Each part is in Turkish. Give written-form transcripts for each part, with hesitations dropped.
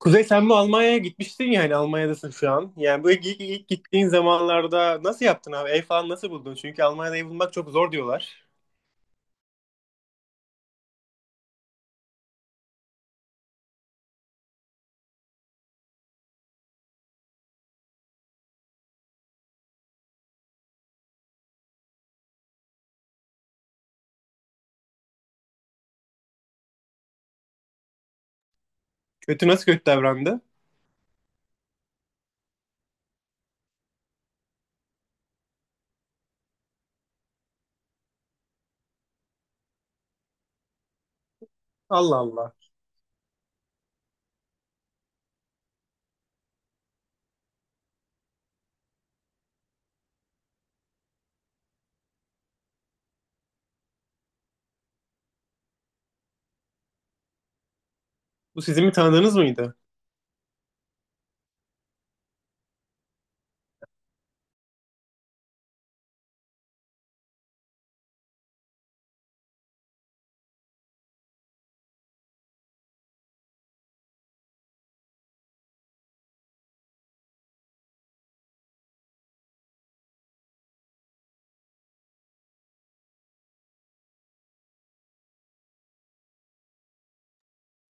Kuzey, sen bu Almanya'ya gitmiştin ya, hani Almanya'dasın şu an. Yani bu ilk gittiğin zamanlarda nasıl yaptın abi? Ev falan nasıl buldun? Çünkü Almanya'da ev bulmak çok zor diyorlar. Kötü, nasıl kötü davrandı? Allah Allah. Bu sizin mi tanıdığınız mıydı?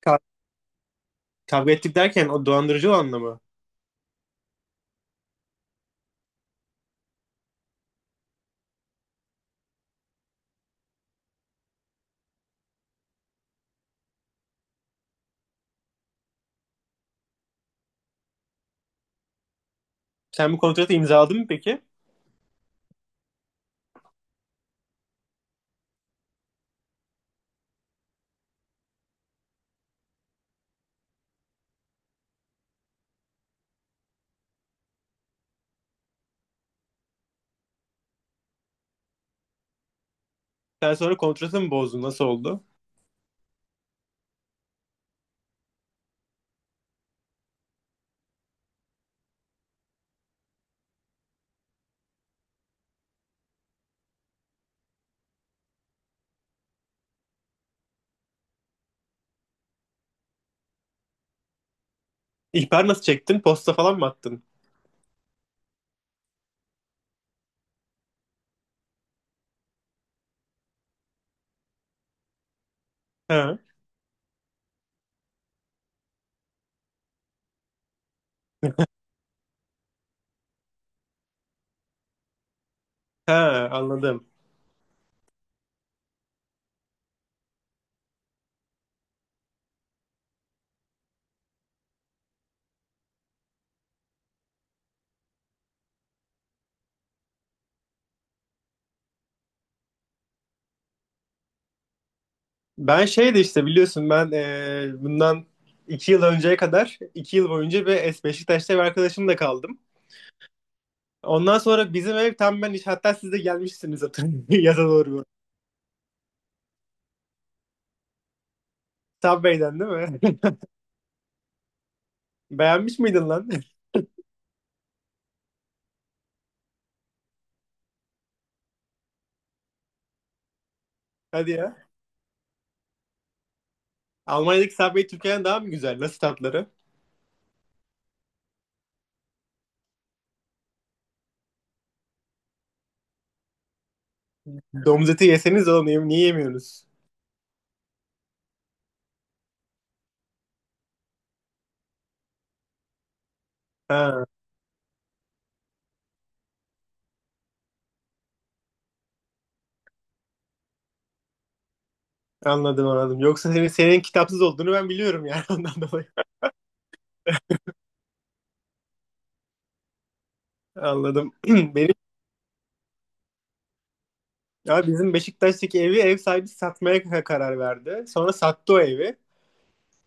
Ka- Kavga ettik derken o dolandırıcı olanla mı? Sen bu kontratı imzaladın mı peki? Sen sonra kontratı mı bozdun? Nasıl oldu? İhbar nasıl çektin? Posta falan mı attın? Ha, ha, anladım. Ben şeydi işte, biliyorsun, ben bundan 2 yıl önceye kadar 2 yıl boyunca bir Beşiktaş'ta bir arkadaşımla kaldım. Ondan sonra bizim ev tam ben iş, hatta siz de gelmişsiniz hatırlıyorum yaza doğru. Subway'den değil mi? Beğenmiş miydin lan? Hadi ya. Almanya'daki Subway Türkiye'den daha mı güzel? Nasıl tatları? Domuz eti yeseniz oğlum, niye yemiyorsunuz? Ha, anladım. Yoksa senin kitapsız olduğunu ben biliyorum yani ondan dolayı. Anladım. Benim, ya, bizim Beşiktaş'taki evi ev sahibi satmaya karar verdi. Sonra sattı o evi.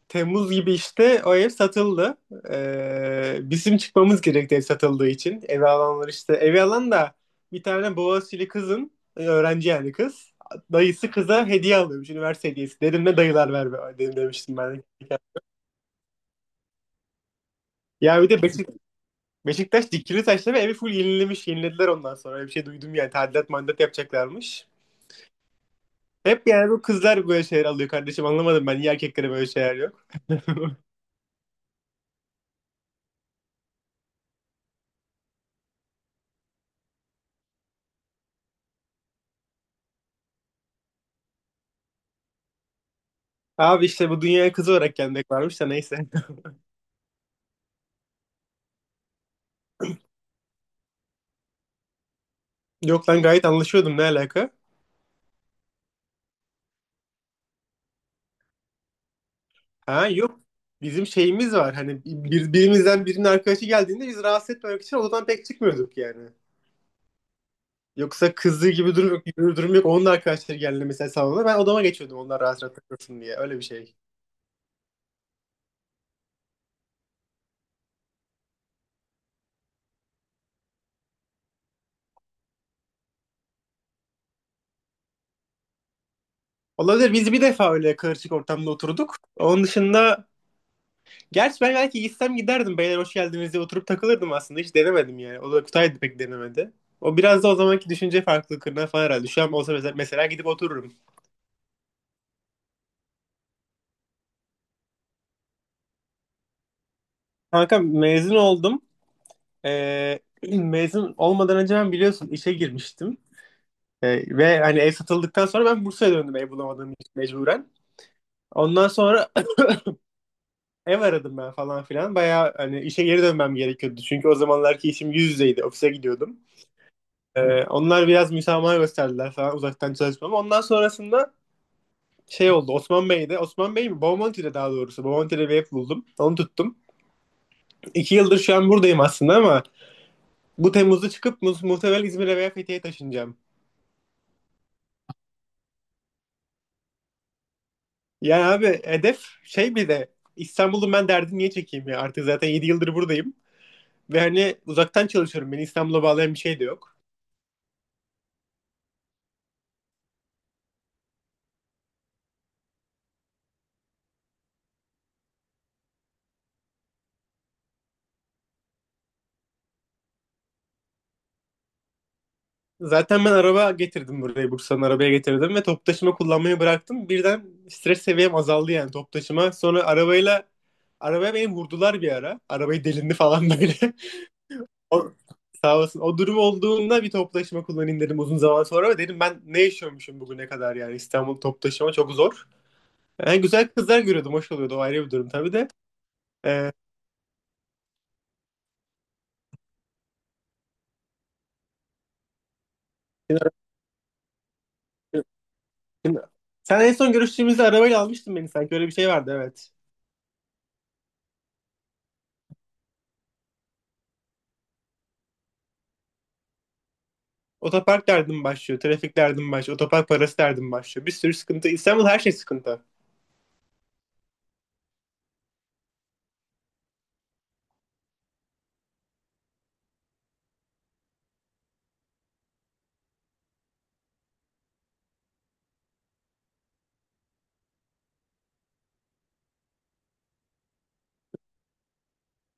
Temmuz gibi işte o ev satıldı. Bizim çıkmamız gerekti ev satıldığı için. Evi alanlar işte. Evi alan da bir tane Boğaziçi'li kızın, e, öğrenci yani kız. Dayısı kıza hediye alıyormuş, üniversite hediyesi. Dedim ne dayılar ver be, dedim, demiştim ben. Ya bir de Beşiktaş dikili taşla ve evi full yenilemiş, yenilediler ondan sonra. Öyle bir şey duydum yani, tadilat mandat yapacaklarmış. Hep yani bu kızlar böyle şeyler alıyor kardeşim, anlamadım ben, niye erkeklere böyle şeyler yok. Abi işte bu dünyaya kızı olarak gelmek varmış da neyse. Yok lan, gayet anlaşıyordum, ne alaka? Ha, yok. Bizim şeyimiz var. Hani birimizden birinin arkadaşı geldiğinde biz rahatsız etmemek için odadan pek çıkmıyorduk yani. Yoksa kızdığı gibi durum yok, gibi bir durum yok. Onun da arkadaşları geldi mesela salona. Ben odama geçiyordum onlar rahat rahat takılsın diye. Öyle bir şey. Olabilir. Biz bir defa öyle karışık ortamda oturduk. Onun dışında, gerçi ben belki gitsem giderdim. Beyler hoş geldiniz diye oturup takılırdım aslında. Hiç denemedim yani. O da Kutay da pek denemedi. O biraz da o zamanki düşünce farklılıklarına falan herhalde. Şu an olsa mesela, gidip otururum. Kanka mezun oldum. Ee, Mezun olmadan önce ben, biliyorsun, işe girmiştim. Ve hani ev satıldıktan sonra ben Bursa'ya döndüm ev bulamadığım için mecburen. Ondan sonra ev aradım ben falan filan. Bayağı hani işe geri dönmem gerekiyordu. Çünkü o zamanlarki işim yüz yüzeydi. Ofise gidiyordum. Onlar biraz müsamaha gösterdiler falan uzaktan çalışmama. Ondan sonrasında şey oldu. Osman Bey'de. Osman Bey mi? Bomonti'de daha doğrusu. Bomonti'de bir ev buldum. Onu tuttum. 2 yıldır şu an buradayım aslında, ama bu Temmuz'da çıkıp muhtemelen İzmir'e veya Fethiye'ye taşınacağım. Yani abi hedef şey, bir de İstanbul'un ben derdini niye çekeyim ya? Artık zaten 7 yıldır buradayım. Ve hani uzaktan çalışıyorum. Beni İstanbul'a bağlayan bir şey de yok. Zaten ben araba getirdim buraya. Bursa'nın arabaya getirdim ve top taşıma kullanmayı bıraktım. Birden stres seviyem azaldı yani, top taşıma. Sonra arabaya beni vurdular bir ara. Arabayı delindi falan böyle. O, sağ olsun. O durum olduğunda bir top taşıma kullanayım dedim uzun zaman sonra. Ve dedim ben ne yaşıyormuşum bugüne kadar yani, İstanbul top taşıma çok zor. Yani güzel kızlar görüyordum. Hoş oluyordu. O ayrı bir durum tabii de. Ee, seni ara- seni- sen en son görüştüğümüzde arabayla almıştın beni sanki. Öyle bir şey vardı, evet. Otopark derdim başlıyor. Trafik derdim başlıyor. Otopark parası derdim başlıyor. Bir sürü sıkıntı. İstanbul her şey sıkıntı.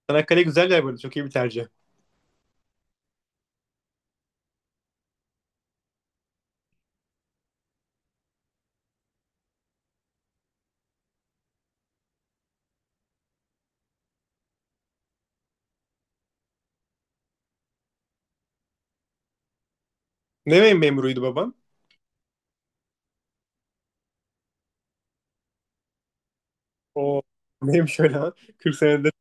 Çanakkale güzel yer böyle. Çok iyi bir tercih. Ne memuruydu babam? O neymiş öyle ha? 40 senedir.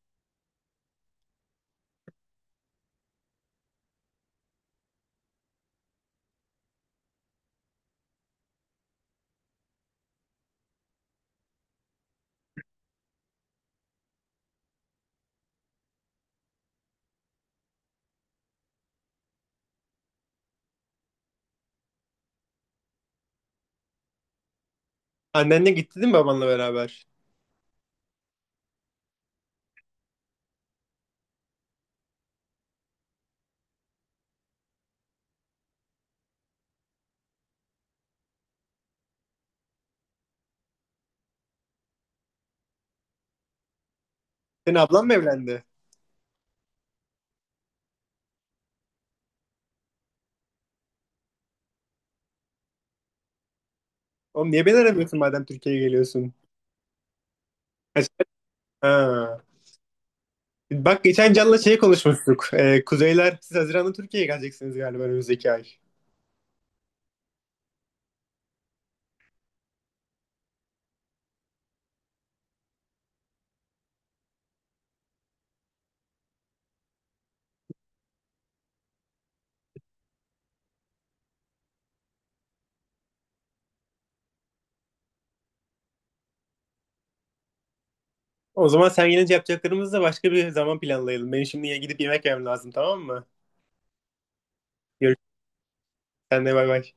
Annenle gitti değil mi, babanla beraber? Senin ablan mı evlendi? Oğlum niye beni aramıyorsun madem Türkiye'ye geliyorsun? Kaç- Ha. Bak geçen Can'la şey konuşmuştuk. Kuzeyler siz Haziran'da Türkiye'ye geleceksiniz galiba, önümüzdeki ay. O zaman sen gelince yapacaklarımızı da başka bir zaman planlayalım. Benim şimdi gidip yemek yemem lazım, tamam mı? Görüşürüz. Sen de bay bay.